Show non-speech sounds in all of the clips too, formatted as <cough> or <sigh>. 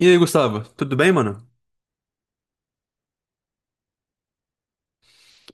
E aí, Gustavo, tudo bem, mano?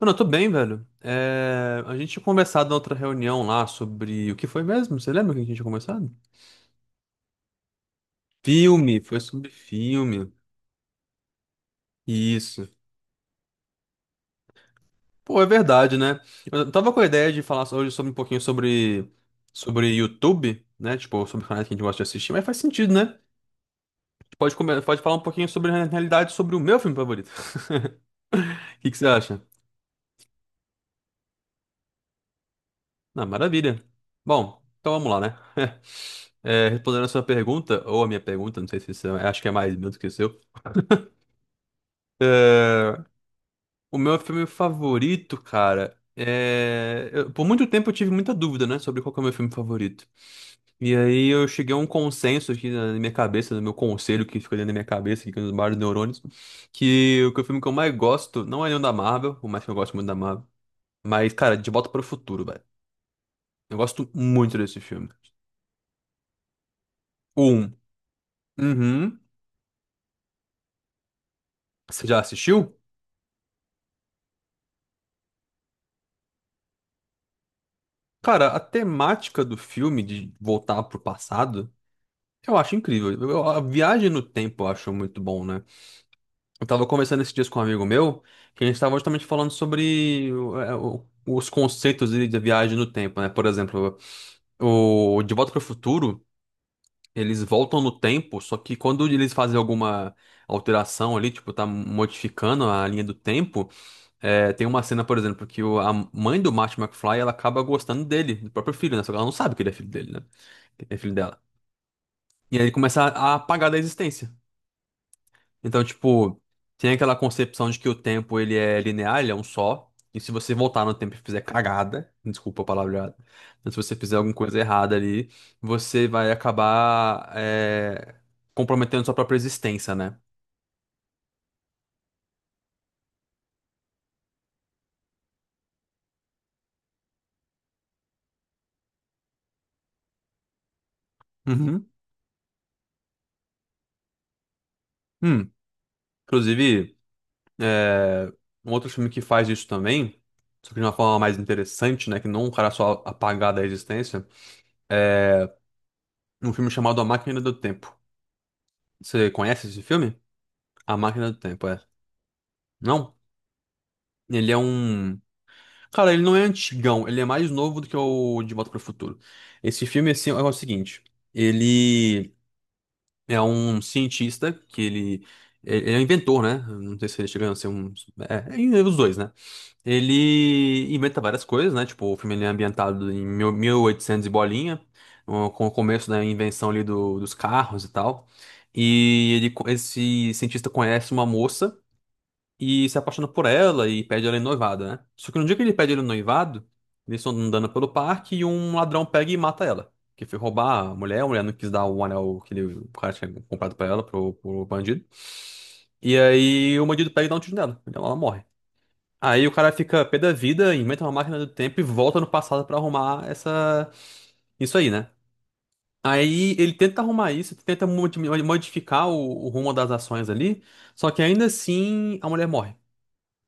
Mano, eu tô bem, velho. A gente tinha conversado na outra reunião lá sobre o que foi mesmo? Você lembra o que a gente tinha conversado? Filme, foi sobre filme. Isso. Pô, é verdade, né? Eu tava com a ideia de falar hoje sobre um pouquinho sobre YouTube, né? Tipo, sobre canais que a gente gosta de assistir, mas faz sentido, né? Pode falar um pouquinho sobre, na realidade, sobre o meu filme favorito. <laughs> O que que você acha? Ah, maravilha. Bom, então vamos lá, né? <laughs> Respondendo a sua pergunta, ou a minha pergunta, não sei se isso é, acho que é mais meu do que o seu. É, o meu filme favorito, cara, por muito tempo eu tive muita dúvida, né, sobre qual que é o meu filme favorito. E aí eu cheguei a um consenso aqui na minha cabeça, no meu conselho que ficou dentro da minha cabeça, aqui com os vários neurônios, que o filme que eu mais gosto não é nenhum da Marvel, por mais que eu goste muito da Marvel, mas, cara, De Volta para o Futuro, velho. Eu gosto muito desse filme. O Um. Uhum. Você já assistiu? Cara, a temática do filme de voltar pro passado, eu acho incrível. A viagem no tempo eu acho muito bom, né? Eu tava conversando esses dias com um amigo meu, que a gente tava justamente falando sobre os conceitos de viagem no tempo, né? Por exemplo, o De Volta para o Futuro, eles voltam no tempo, só que quando eles fazem alguma alteração ali, tipo, tá modificando a linha do tempo. Tem uma cena, por exemplo, que a mãe do Marty McFly, ela acaba gostando dele, do próprio filho, né? Só que ela não sabe que ele é filho dele, né? É filho dela. E aí ele começa a apagar da existência. Então, tipo, tem aquela concepção de que o tempo, ele é linear, ele é um só. E se você voltar no tempo e fizer cagada, desculpa a palavra, mas se você fizer alguma coisa errada ali, você vai acabar, comprometendo sua própria existência, né? Uhum. Hum, inclusive, um outro filme que faz isso também, só que de uma forma mais interessante, né? Que não um cara só apagar da existência, é um filme chamado A Máquina do Tempo. Você conhece esse filme? A Máquina do Tempo, é. Não? Ele é um. Cara, ele não é antigão, ele é mais novo do que o De Volta para o Futuro. Esse filme, assim, é o seguinte: ele é um cientista que ele. Ele é um inventor, né? Não sei se ele chega a ser um. É, é os dois, né? Ele inventa várias coisas, né? Tipo, o filme ele é ambientado em 1800 e bolinha, com o começo da invenção ali dos carros e tal. E esse cientista conhece uma moça e se apaixona por ela e pede ela em noivado, né? Só que no dia que ele pede ela em noivado, eles estão andando pelo parque e um ladrão pega e mata ela. Que foi roubar a mulher não quis dar o anel que o cara tinha comprado pra ela, pro bandido. E aí o bandido pega e dá um tiro nela. Então ela morre. Aí o cara fica pé da vida, inventa uma máquina do tempo e volta no passado pra arrumar essa isso aí, né? Aí ele tenta arrumar isso, tenta modificar o rumo das ações ali, só que ainda assim a mulher morre.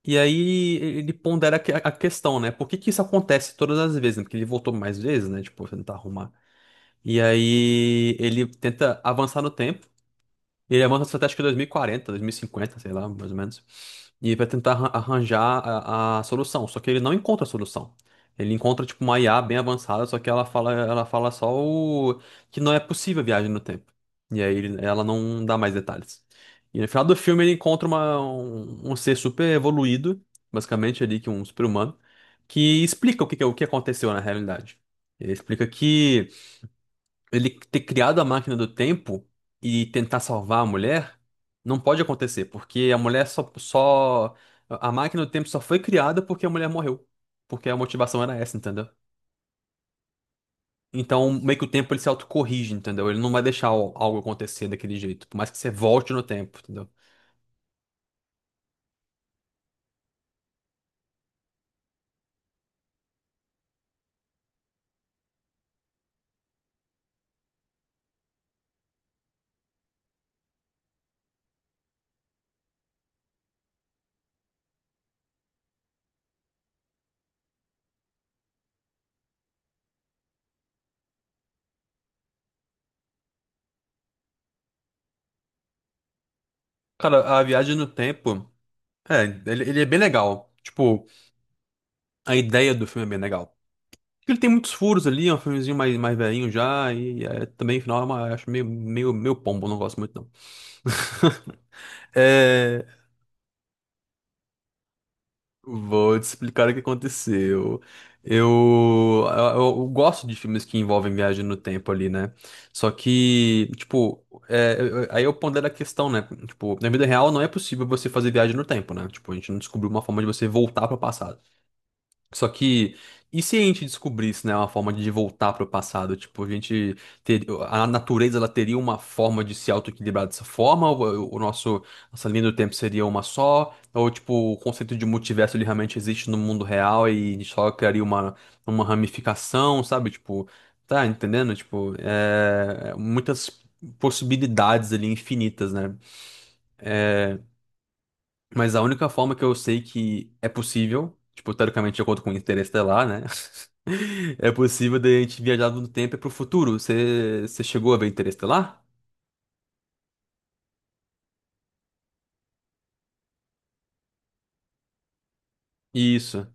E aí ele pondera a questão, né? Por que que isso acontece todas as vezes, né? Porque ele voltou mais vezes, né? Tipo, tentar arrumar. E aí ele tenta avançar no tempo. Ele é uma estratégia de 2040, 2050, sei lá, mais ou menos. E vai tentar arranjar a solução. Só que ele não encontra a solução. Ele encontra, tipo, uma IA bem avançada, só que ela fala só que não é possível a viagem no tempo. E aí ela não dá mais detalhes. E no final do filme ele encontra um ser super evoluído, basicamente ali, que é um super-humano, que explica o que aconteceu na realidade. Ele explica que ele ter criado a máquina do tempo e tentar salvar a mulher não pode acontecer, porque a mulher só. A máquina do tempo só foi criada porque a mulher morreu. Porque a motivação era essa, entendeu? Então, meio que o tempo ele se autocorrige, entendeu? Ele não vai deixar algo acontecer daquele jeito, por mais que você volte no tempo, entendeu? Cara, a viagem no tempo, ele é bem legal. Tipo, a ideia do filme é bem legal. Ele tem muitos furos ali, é um filmezinho mais velhinho já, e é, também, no final, eu acho meio, meio, meio pombo, não gosto muito não. <laughs> É, vou te explicar o que aconteceu. Eu gosto de filmes que envolvem viagem no tempo ali, né? Só que, tipo, aí eu pondero a questão, né? Tipo, na vida real não é possível você fazer viagem no tempo, né? Tipo, a gente não descobriu uma forma de você voltar para o passado. Só que, e se a gente descobrisse, né, uma forma de voltar para o passado? Tipo, a natureza ela teria uma forma de se autoequilibrar dessa forma? Nossa linha do tempo seria uma só? Ou, tipo, o conceito de multiverso ele realmente existe no mundo real e a gente só criaria uma ramificação, sabe? Tipo, tá entendendo? Tipo, muitas possibilidades ali infinitas, né? Mas a única forma que eu sei que é possível, tipo, teoricamente, de acordo com o Interestelar, né? <laughs> É possível de a gente viajar no tempo e pro futuro. Você chegou a ver Interestelar? Isso.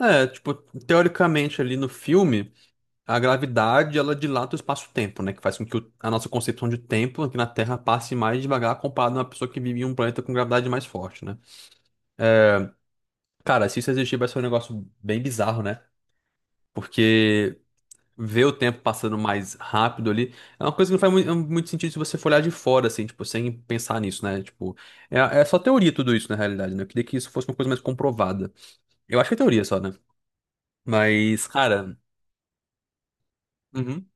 É, tipo, teoricamente ali no filme, a gravidade ela dilata o espaço-tempo, né? Que faz com que a nossa concepção de tempo aqui na Terra passe mais devagar comparado a uma pessoa que vive em um planeta com gravidade mais forte, né? Cara, se isso existir, vai ser um negócio bem bizarro, né? Porque. Ver o tempo passando mais rápido ali, é uma coisa que não faz muito, muito sentido se você for olhar de fora, assim, tipo, sem pensar nisso, né? Tipo, é só teoria tudo isso, na realidade, né? Eu queria que isso fosse uma coisa mais comprovada. Eu acho que é teoria só, né? Mas, cara. Uhum,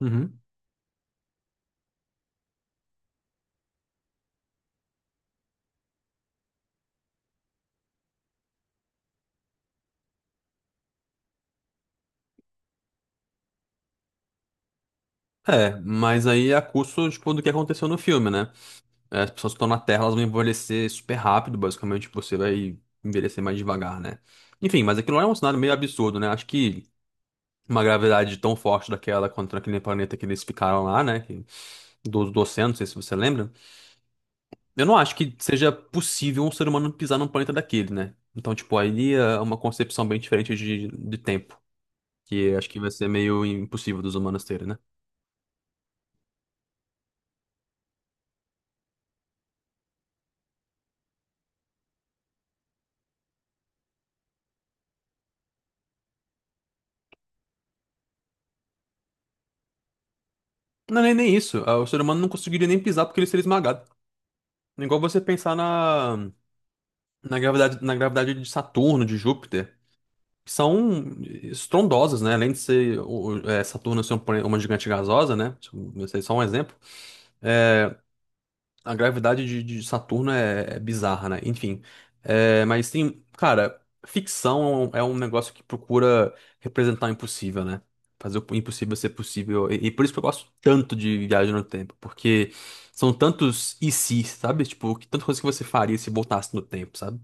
uhum. É, mas aí é a custo, tipo, do que aconteceu no filme, né? É, as pessoas que estão na Terra, elas vão envelhecer super rápido, basicamente, você vai envelhecer mais devagar, né? Enfim, mas aquilo lá é um cenário meio absurdo, né? Acho que uma gravidade tão forte daquela contra aquele planeta que eles ficaram lá, né? Do oceano, não sei se você lembra. Eu não acho que seja possível um ser humano pisar num planeta daquele, né? Então, tipo, aí é uma concepção bem diferente de tempo, que acho que vai ser meio impossível dos humanos terem, né? Não, nem isso. Ah, o ser humano não conseguiria nem pisar porque ele seria esmagado. É igual você pensar na gravidade, na gravidade, de Saturno, de Júpiter, que são estrondosas, né? Além de ser Saturno ser um uma gigante gasosa, né? Isso é só um exemplo. é, A gravidade de Saturno é bizarra, né? Enfim. É, mas tem. Cara, ficção é um negócio que procura representar o impossível, né? Fazer o impossível ser possível. E por isso que eu gosto tanto de Viagem no Tempo, porque são tantos e se, sabe? Tipo, que tanta coisa que você faria se voltasse no tempo, sabe?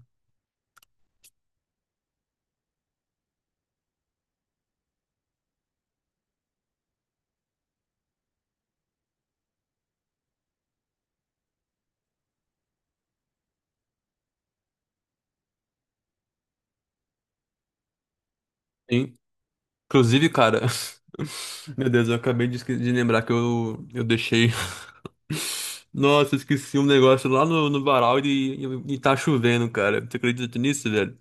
Sim. Inclusive, cara, <laughs> meu Deus, eu acabei de, de lembrar que eu deixei. <laughs> Nossa, eu esqueci um negócio lá no varal e tá chovendo, cara. Você acredita nisso, velho?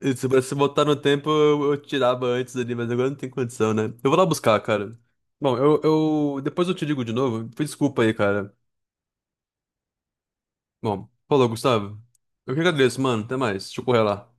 E se você botar no tempo, eu tirava antes ali, mas agora não tem condição, né? Eu vou lá buscar, cara. Bom, eu depois eu te ligo de novo. Desculpa aí, cara. Bom, falou, Gustavo. Eu que agradeço, mano. Até mais. Deixa eu correr lá.